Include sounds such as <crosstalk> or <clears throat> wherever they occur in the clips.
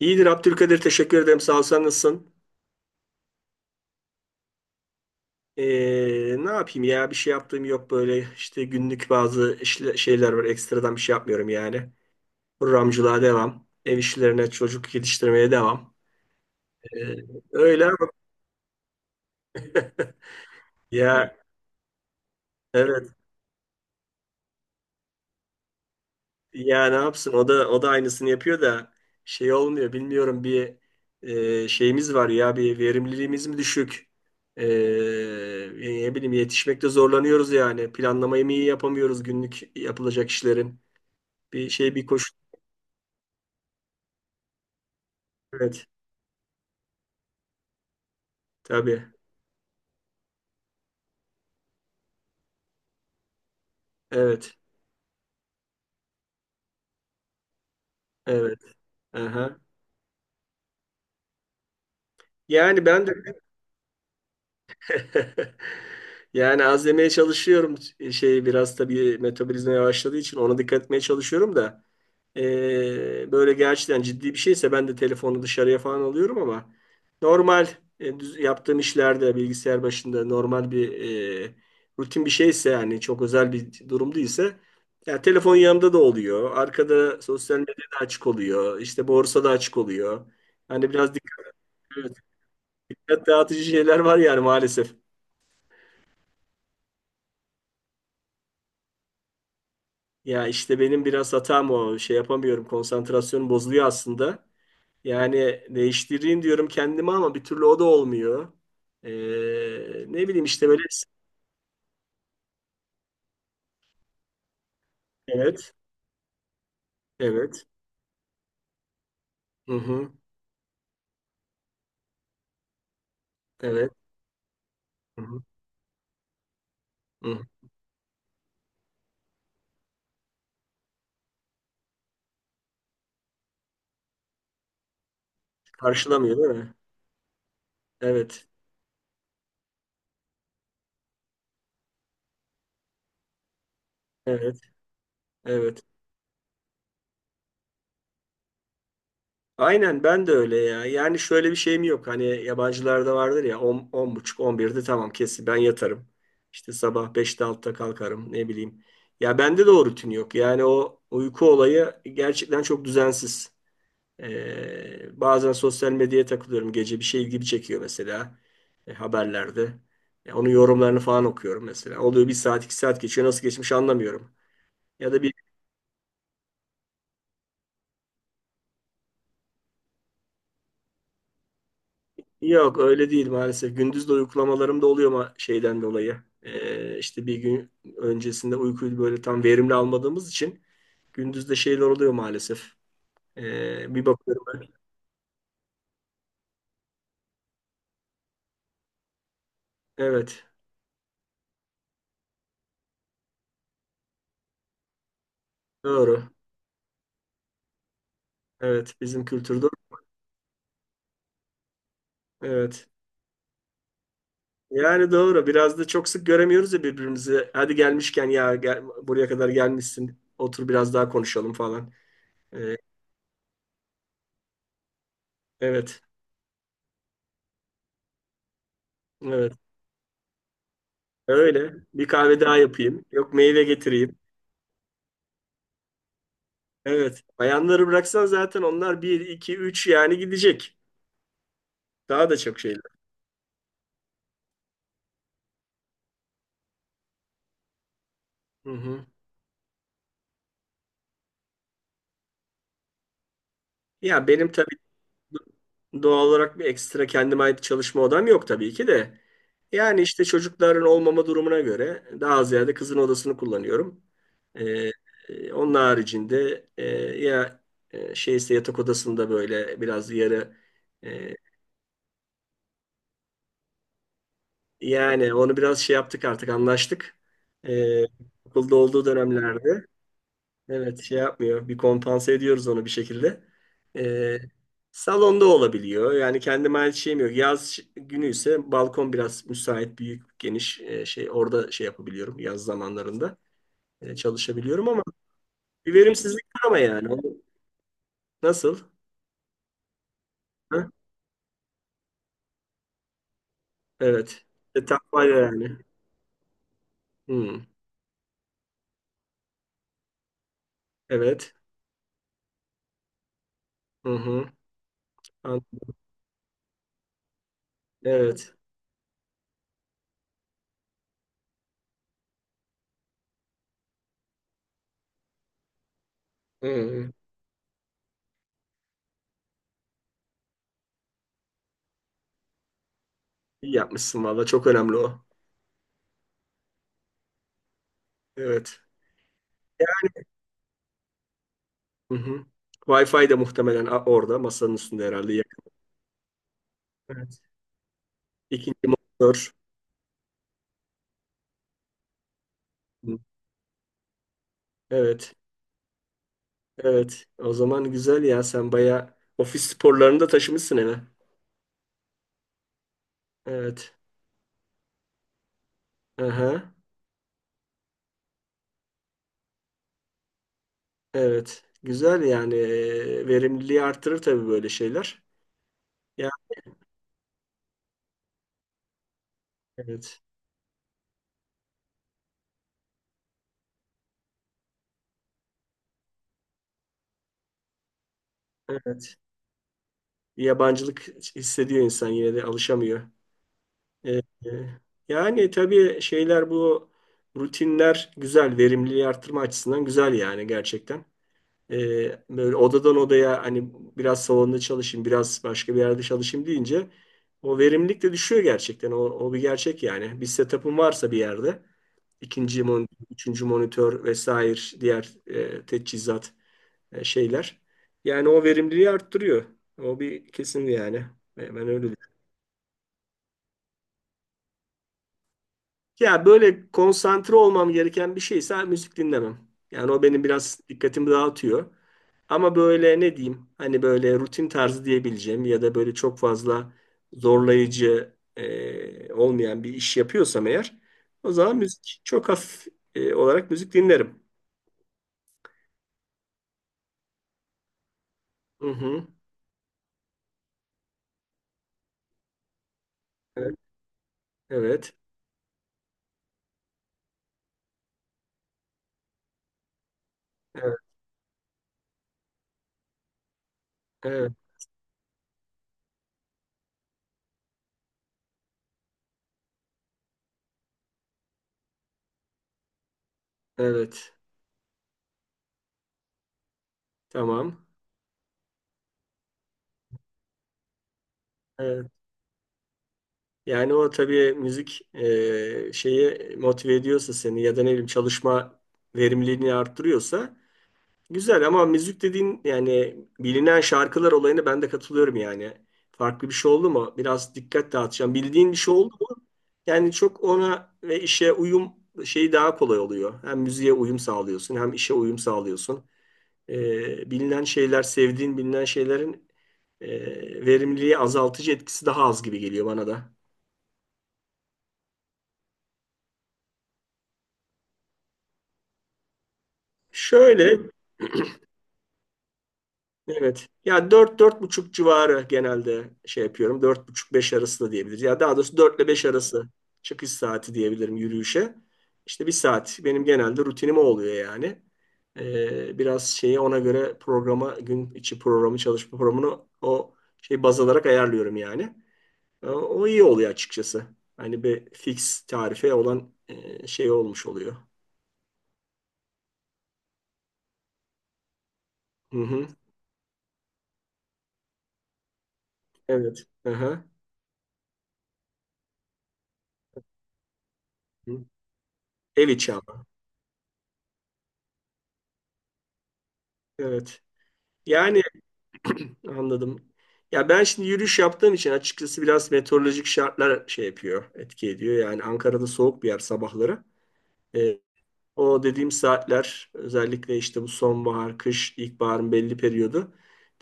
İyidir Abdülkadir, teşekkür ederim sağ ol, sen nasılsın? Ne yapayım ya, bir şey yaptığım yok, böyle işte günlük bazı şeyler var, ekstradan bir şey yapmıyorum yani. Programcılığa devam, ev işlerine çocuk yetiştirmeye devam. Ee, Öyle ama. <laughs> Ya, evet. Ya ne yapsın? O da aynısını yapıyor da şey olmuyor. Bilmiyorum, bir şeyimiz var ya, bir verimliliğimiz mi düşük? E, Ne bileyim, yetişmekte zorlanıyoruz yani. Planlamayı mı iyi yapamıyoruz günlük yapılacak işlerin? Bir şey bir koşu. Evet. Tabii. Evet. Evet. Aha. Yani ben de. <laughs> Yani az yemeye çalışıyorum. Şey, biraz tabii metabolizma yavaşladığı için ona dikkat etmeye çalışıyorum da. Böyle gerçekten ciddi bir şeyse ben de telefonu dışarıya falan alıyorum ama normal, yaptığım işlerde bilgisayar başında normal bir, e, rutin bir şeyse, yani çok özel bir durum değilse yani telefon yanımda da oluyor. Arkada sosyal medyada açık oluyor. İşte borsa da açık oluyor. Hani biraz dikkat, evet, dikkat dağıtıcı şeyler var yani maalesef. Ya işte benim biraz hatam o. Şey yapamıyorum. Konsantrasyonum bozuluyor aslında. Yani değiştireyim diyorum kendime ama bir türlü o da olmuyor. Ee, Ne bileyim, işte böyle. Evet. Evet. Hı hı. Evet. Hı hı. Hı. Karşılamıyor değil mi? Evet. Evet. Evet. Aynen, ben de öyle ya. Yani şöyle bir şeyim yok. Hani yabancılarda vardır ya, 10, 10 buçuk 11'de tamam, kesin ben yatarım. İşte sabah 5'te, 6'da kalkarım, ne bileyim. Ya bende de o rutin yok. Yani o uyku olayı gerçekten çok düzensiz. Bazen sosyal medyaya takılıyorum. Gece bir şey ilgimi çekiyor mesela, haberlerde. Ya onun yorumlarını falan okuyorum mesela. Oluyor, bir saat iki saat geçiyor. Nasıl geçmiş anlamıyorum. Ya da bir Yok, öyle değil maalesef. Gündüz de uykulamalarım da oluyor ama şeyden dolayı. İşte bir gün öncesinde uykuyu böyle tam verimli almadığımız için gündüz de şeyler oluyor maalesef. Bir bakıyorum. Evet. Doğru. Evet. Bizim kültürde. Evet. Yani doğru. Biraz da çok sık göremiyoruz ya birbirimizi. Hadi gelmişken, ya gel, buraya kadar gelmişsin, otur biraz daha konuşalım falan. Ee, evet. Evet. Öyle. Bir kahve daha yapayım. Yok, meyve getireyim. Evet. Bayanları bıraksan zaten onlar bir 2 üç, yani gidecek. Daha da çok şeyler. Hı hı. Ya benim tabii doğal olarak bir ekstra kendime ait çalışma odam yok tabii ki de. Yani işte çocukların olmama durumuna göre daha ziyade kızın odasını kullanıyorum. Ee, Onun haricinde, ya, şeyse yatak odasında böyle biraz yarı, e, yani onu biraz şey yaptık, artık anlaştık. Ee, Okulda olduğu dönemlerde. Evet, şey yapmıyor. Bir kompanse ediyoruz onu bir şekilde. Ee, Salonda olabiliyor. Yani kendime ait şeyim yok. Yaz günü ise balkon biraz müsait, büyük, geniş, şey orada şey yapabiliyorum yaz zamanlarında. Çalışabiliyorum ama bir verimsizlik var ama yani. Nasıl? Ha? Evet. Tam yani. Hmm. Evet. Hı hı. An- Evet. Hı hı. İyi yapmışsın valla. Çok önemli o. Evet. Hı hı. Wi-Fi de muhtemelen, orada masanın üstünde herhalde. Evet. İkinci motor. Hı. Evet. Evet. O zaman güzel ya. Sen bayağı ofis sporlarını da taşımışsın eve. Evet. Aha. Evet. Güzel yani. Verimliliği artırır tabii böyle şeyler. Ya, evet. Evet. Yabancılık hissediyor insan, yine de alışamıyor. Ee, e, Yani tabii şeyler, bu rutinler güzel. Verimliliği artırma açısından güzel yani, gerçekten. E, Böyle odadan odaya, hani biraz salonda çalışayım, biraz başka bir yerde çalışayım deyince o verimlilik de düşüyor gerçekten. O bir gerçek yani. Bir setup'ın varsa bir yerde ikinci monitör, üçüncü monitör vesaire, diğer, teçhizat, şeyler. Yani o verimliliği arttırıyor. O bir kesin yani. Ben öyle düşünüyorum. Ya böyle konsantre olmam gereken bir şeyse müzik dinlemem. Yani o benim biraz dikkatimi dağıtıyor. Ama böyle ne diyeyim, hani böyle rutin tarzı diyebileceğim ya da böyle çok fazla zorlayıcı, olmayan bir iş yapıyorsam eğer, o zaman müzik çok hafif, olarak müzik dinlerim. Hı hı. Evet, evet, evet, evet, evet. Tamam. Evet. Yani o tabii müzik, şeyi motive ediyorsa seni ya da ne bileyim çalışma verimliliğini arttırıyorsa, güzel. Ama müzik dediğin yani bilinen şarkılar olayına ben de katılıyorum yani. Farklı bir şey oldu mu biraz dikkat dağıtacağım. Bildiğin bir şey oldu mu yani çok ona ve işe uyum şeyi daha kolay oluyor. Hem müziğe uyum sağlıyorsun, hem işe uyum sağlıyorsun. Bilinen şeyler, sevdiğin bilinen şeylerin, verimliliği azaltıcı etkisi daha az gibi geliyor bana da. Şöyle. Evet. Ya, dört dört buçuk civarı genelde şey yapıyorum. Dört buçuk beş arası da diyebiliriz. Ya daha doğrusu, 4 ile 5 arası çıkış saati diyebilirim yürüyüşe. İşte bir saat benim genelde rutinim o oluyor yani. Biraz şeyi ona göre programa, gün içi programı, çalışma programını o şey baz alarak ayarlıyorum yani. O iyi oluyor açıkçası. Hani bir fix tarife olan, şey olmuş oluyor. Hı hı. Evet. Aha. Hı. Ev içi ama. Evet. Yani <clears throat> anladım. Ya ben şimdi yürüyüş yaptığım için açıkçası biraz meteorolojik şartlar şey yapıyor, etki ediyor. Yani Ankara'da soğuk bir yer sabahları. Ee, O dediğim saatler özellikle işte bu sonbahar, kış, ilkbaharın belli periyodu.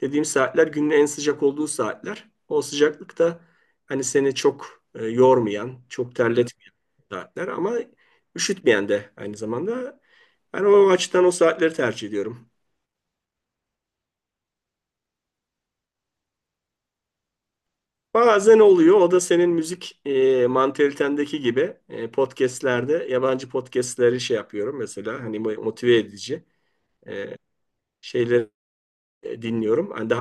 Dediğim saatler günün en sıcak olduğu saatler. O sıcaklıkta hani seni çok, yormayan, çok terletmeyen saatler ama üşütmeyen de aynı zamanda. Ben o açıdan o saatleri tercih ediyorum. Bazen oluyor. O da senin müzik, mantalitendeki gibi, podcastlerde yabancı podcastleri şey yapıyorum mesela, hani motive edici, e, şeyleri, dinliyorum. Hani daha,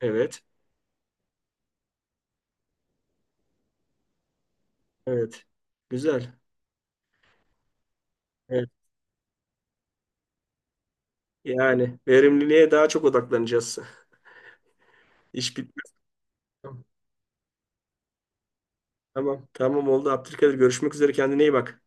evet, evet, güzel. Evet. Yani verimliliğe daha çok odaklanacağız. İş bitmez. Tamam, tamam, tamam, oldu Abdülkadir, görüşmek üzere, kendine iyi bak.